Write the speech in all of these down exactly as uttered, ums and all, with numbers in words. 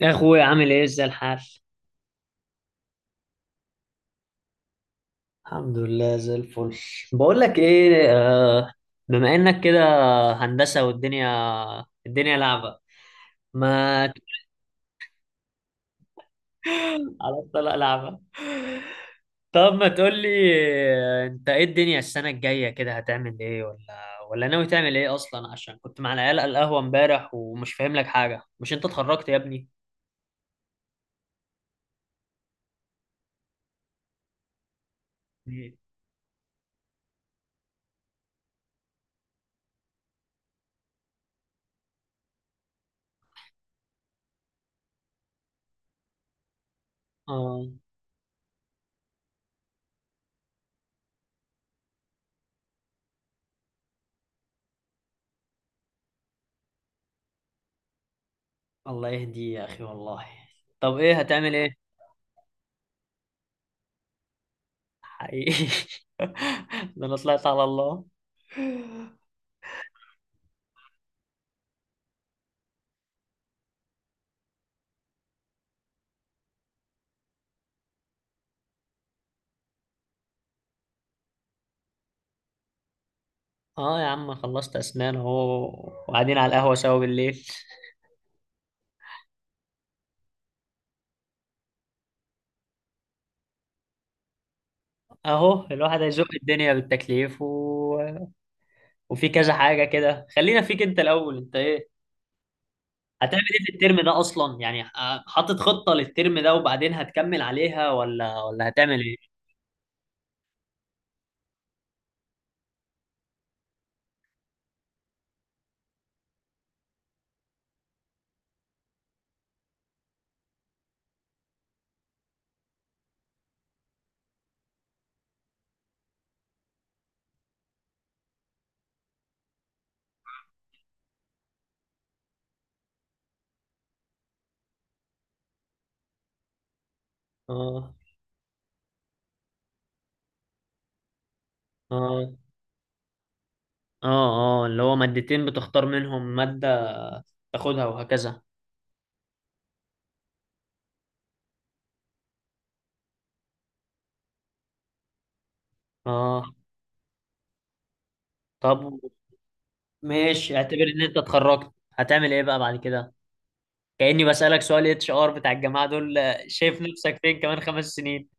يا اخويا، عامل ايه؟ ازاي الحال؟ الحمد لله، زي الفل. بقول لك ايه، آه، بما انك كده هندسة، والدنيا الدنيا لعبة. ما على الطلاق لعبة. طب ما تقول لي، آه، انت ايه الدنيا السنة الجاية كده؟ هتعمل ايه؟ ولا ولا ناوي تعمل ايه اصلا؟ عشان كنت مع العيال على القهوة امبارح ومش فاهم لك حاجة. مش انت اتخرجت يا ابني؟ إيه؟ اه. الله يهدي يا اخي والله. طب ايه هتعمل ايه؟ حقيقي. ده انا طلعت على الله. اه يا عم، خلصت اسنان اهو وقاعدين على القهوة سوا بالليل. اهو الواحد هيزق الدنيا بالتكليف و... وفي كذا حاجة كده. خلينا فيك انت الاول. انت ايه هتعمل ايه في الترم ده اصلا؟ يعني ح- حاطط خطة للترم ده وبعدين هتكمل عليها، ولا ولا هتعمل ايه؟ اه. اه. اه. اه، اللي هو مادتين بتختار منهم مادة تاخدها وهكذا. اه. طب ماشي، اعتبر ان انت اتخرجت، هتعمل ايه بقى بعد كده؟ كأني بسألك سؤال اتش ار بتاع الجماعة دول. آه، شايف نفسك فين كمان خمس سنين؟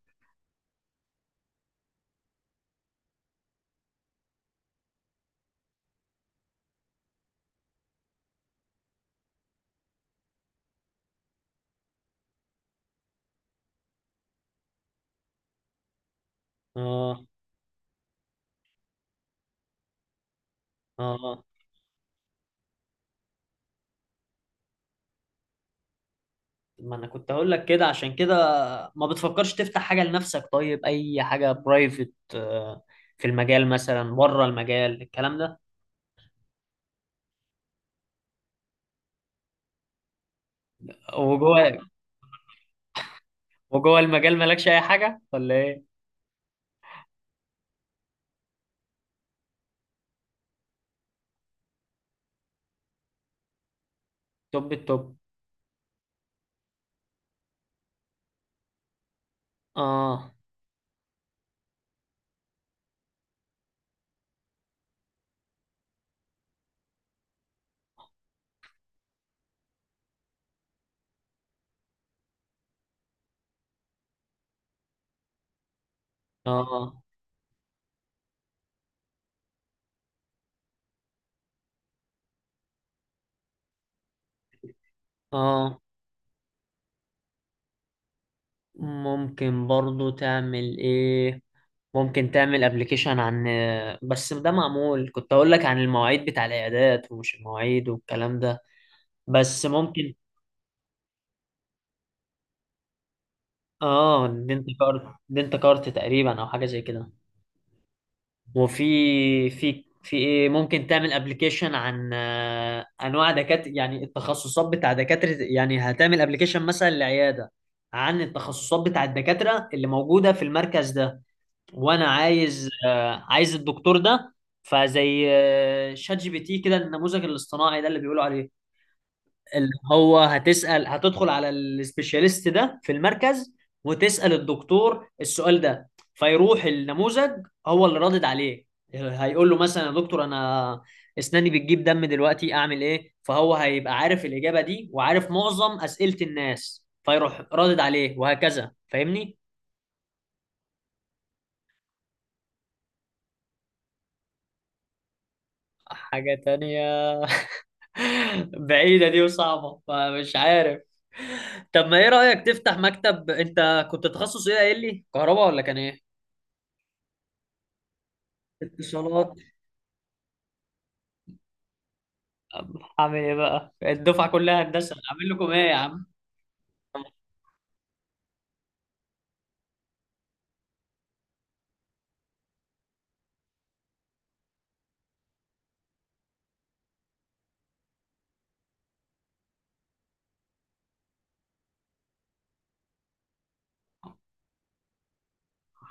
اه. اه، ما انا كنت هقول لك كده عشان كده. ما بتفكرش تفتح حاجة لنفسك طيب؟ اي حاجة برايفت في المجال مثلا؟ بره المجال الكلام ده؟ وجوه. وجوه المجال مالكش اي حاجة ولا ايه؟ توب التوب. اه. اه. اه. ممكن برضو تعمل ايه. ممكن تعمل ابلكيشن عن... بس ده معمول. كنت اقول لك عن المواعيد بتاع العيادات، ومش المواعيد والكلام ده، بس ممكن. اه، دنت كارت، دنت كارت تقريبا، او حاجه زي كده. وفي في في ايه، ممكن تعمل ابلكيشن عن آه، انواع دكاتره، يعني التخصصات بتاع دكاتره. يعني هتعمل ابلكيشن مثلا لعياده عن التخصصات بتاع الدكاتره اللي موجوده في المركز ده، وانا عايز آه، عايز الدكتور ده. فزي آه، شات جي بي تي كده، النموذج الاصطناعي ده اللي بيقولوا عليه. اللي هو هتسأل، هتدخل على السبيشاليست ده في المركز وتسأل الدكتور السؤال ده، فيروح النموذج هو اللي رادد عليه، هيقول له مثلا يا دكتور، انا اسناني بتجيب دم دلوقتي، اعمل ايه؟ فهو هيبقى عارف الإجابة دي وعارف معظم أسئلة الناس، فيروح رادد عليه وهكذا. فاهمني؟ حاجة تانية. بعيدة دي وصعبة، فمش عارف. طب ما ايه رأيك تفتح مكتب؟ انت كنت تخصص ايه قايل لي؟ كهرباء ولا كان ايه؟ اتصالات. طب هعمل ايه بقى؟ الدفعة كلها هندسة، اعمل لكم ايه يا عم؟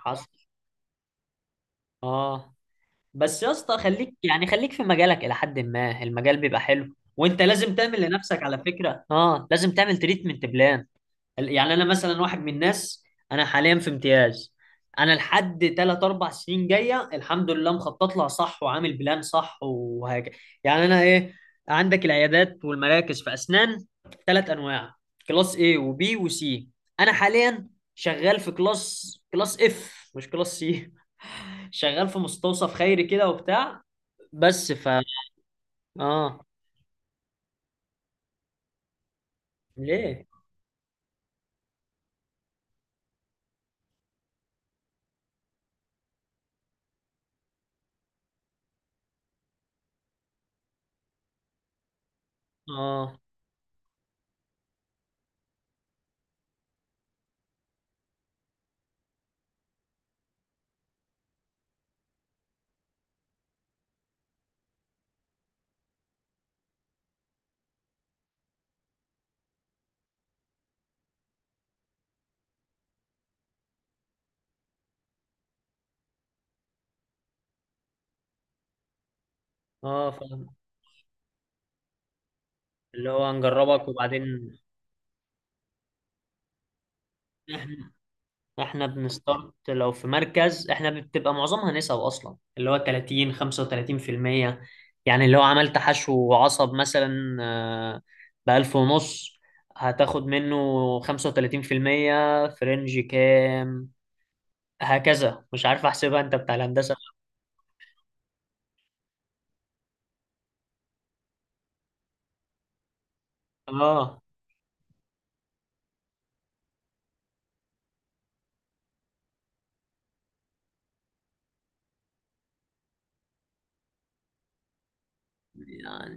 حصل. اه. بس يا اسطى خليك يعني خليك في مجالك الى حد ما، المجال بيبقى حلو، وانت لازم تعمل لنفسك على فكرة. اه، لازم تعمل تريتمنت بلان. ال- يعني انا مثلا واحد من الناس، انا حاليا في امتياز. انا لحد ثلاث اربعة سنين جايه الحمد لله مخطط لها صح، وعامل بلان صح وهكذا. يعني انا ايه. عندك العيادات والمراكز في اسنان ثلاث انواع: كلاس A وبي وسي. انا حاليا شغال في كلاس كلاس اف، مش كلاس سي. شغال في مستوصف خيري كده وبتاع. بس ف... اه. ليه؟ اه. اه، فاهم. اللي هو هنجربك وبعدين. احنا بنستارت لو في مركز احنا بتبقى معظمها نسب اصلا، اللي هو تلاتين خمسة وتلاتين في المية. يعني لو عملت حشو عصب مثلا آه، بألف ونص، هتاخد منه خمسة وتلاتين في المية في رينج كام. هكذا مش عارف احسبها، انت بتاع الهندسة. اه.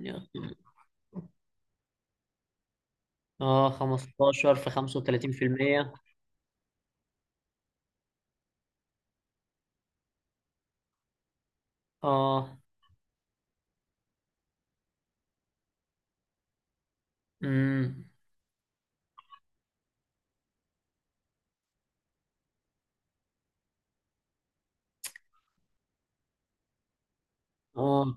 يعني. اه، خمستاشر في خمسة وتلاتين في المية. اه. امم. اه.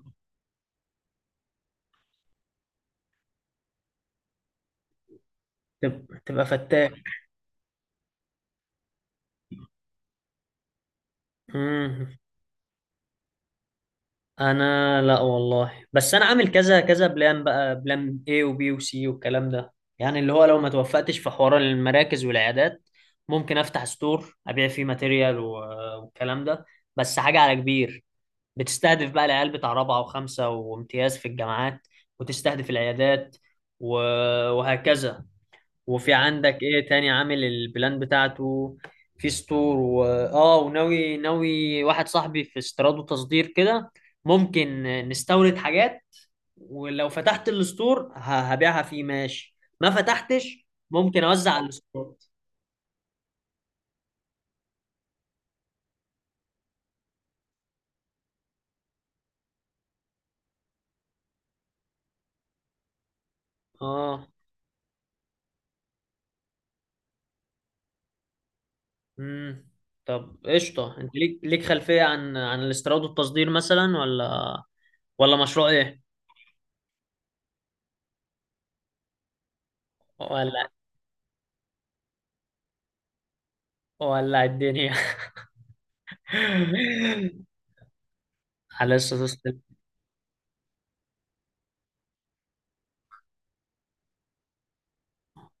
تب- تبقى فتاك. امم. انا لا والله، بس انا عامل كذا كذا بلان بقى، بلان A وبي وسي والكلام ده. يعني اللي هو لو ما توفقتش في حوار المراكز والعيادات، ممكن افتح ستور ابيع فيه ماتيريال و- والكلام ده. بس حاجة على كبير، بتستهدف بقى العيال بتاع رابعة وخمسة وامتياز في الجامعات، وتستهدف العيادات و- وهكذا. وفي عندك ايه تاني عامل البلان بتاعته. في ستور و... اه، وناوي ناوي واحد صاحبي في استيراد وتصدير كده. ممكن نستورد حاجات، ولو فتحت الستور ه- هبيعها فيه، ماشي. ما فتحتش ممكن اوزع على الستور. اه. امم. طب قشطه، انت ليك ليك خلفيه عن عن الاستيراد والتصدير مثلا ولا؟ ولا مشروع ايه؟ ولا ولا الدنيا. على اساس.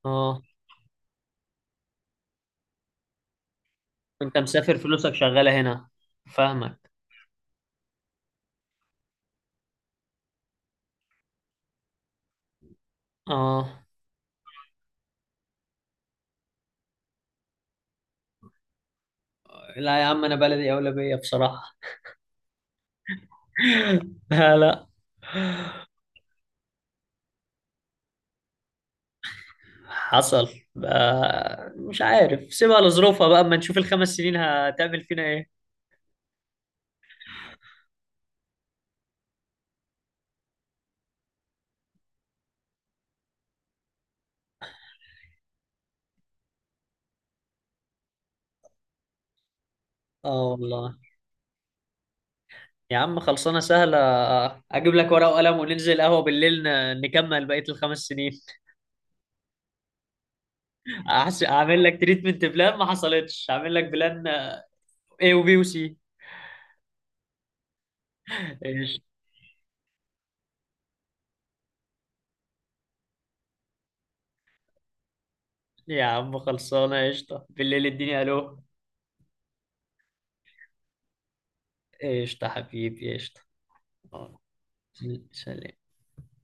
اه. انت مسافر فلوسك شغالة هنا، فاهمك. اه. لا يا عم، انا بلدي اولى بيا بصراحة. لا، لا. حصل. بقى مش عارف، سيبها لظروفها بقى، اما نشوف الخمس سنين هتعمل فينا ايه. اه والله. يا عم خلصانة سهلة. اجيب لك ورقة وقلم وننزل قهوة بالليل، ن- نكمل بقية الخمس سنين. أحس- اعمل لك تريتمنت بلان، ما حصلتش، اعمل لك بلان اي وبي وسي. ايش. يا عم خلصانة، قشطة بالليل، اديني الو. قشطة حبيبي قشطة. سلام.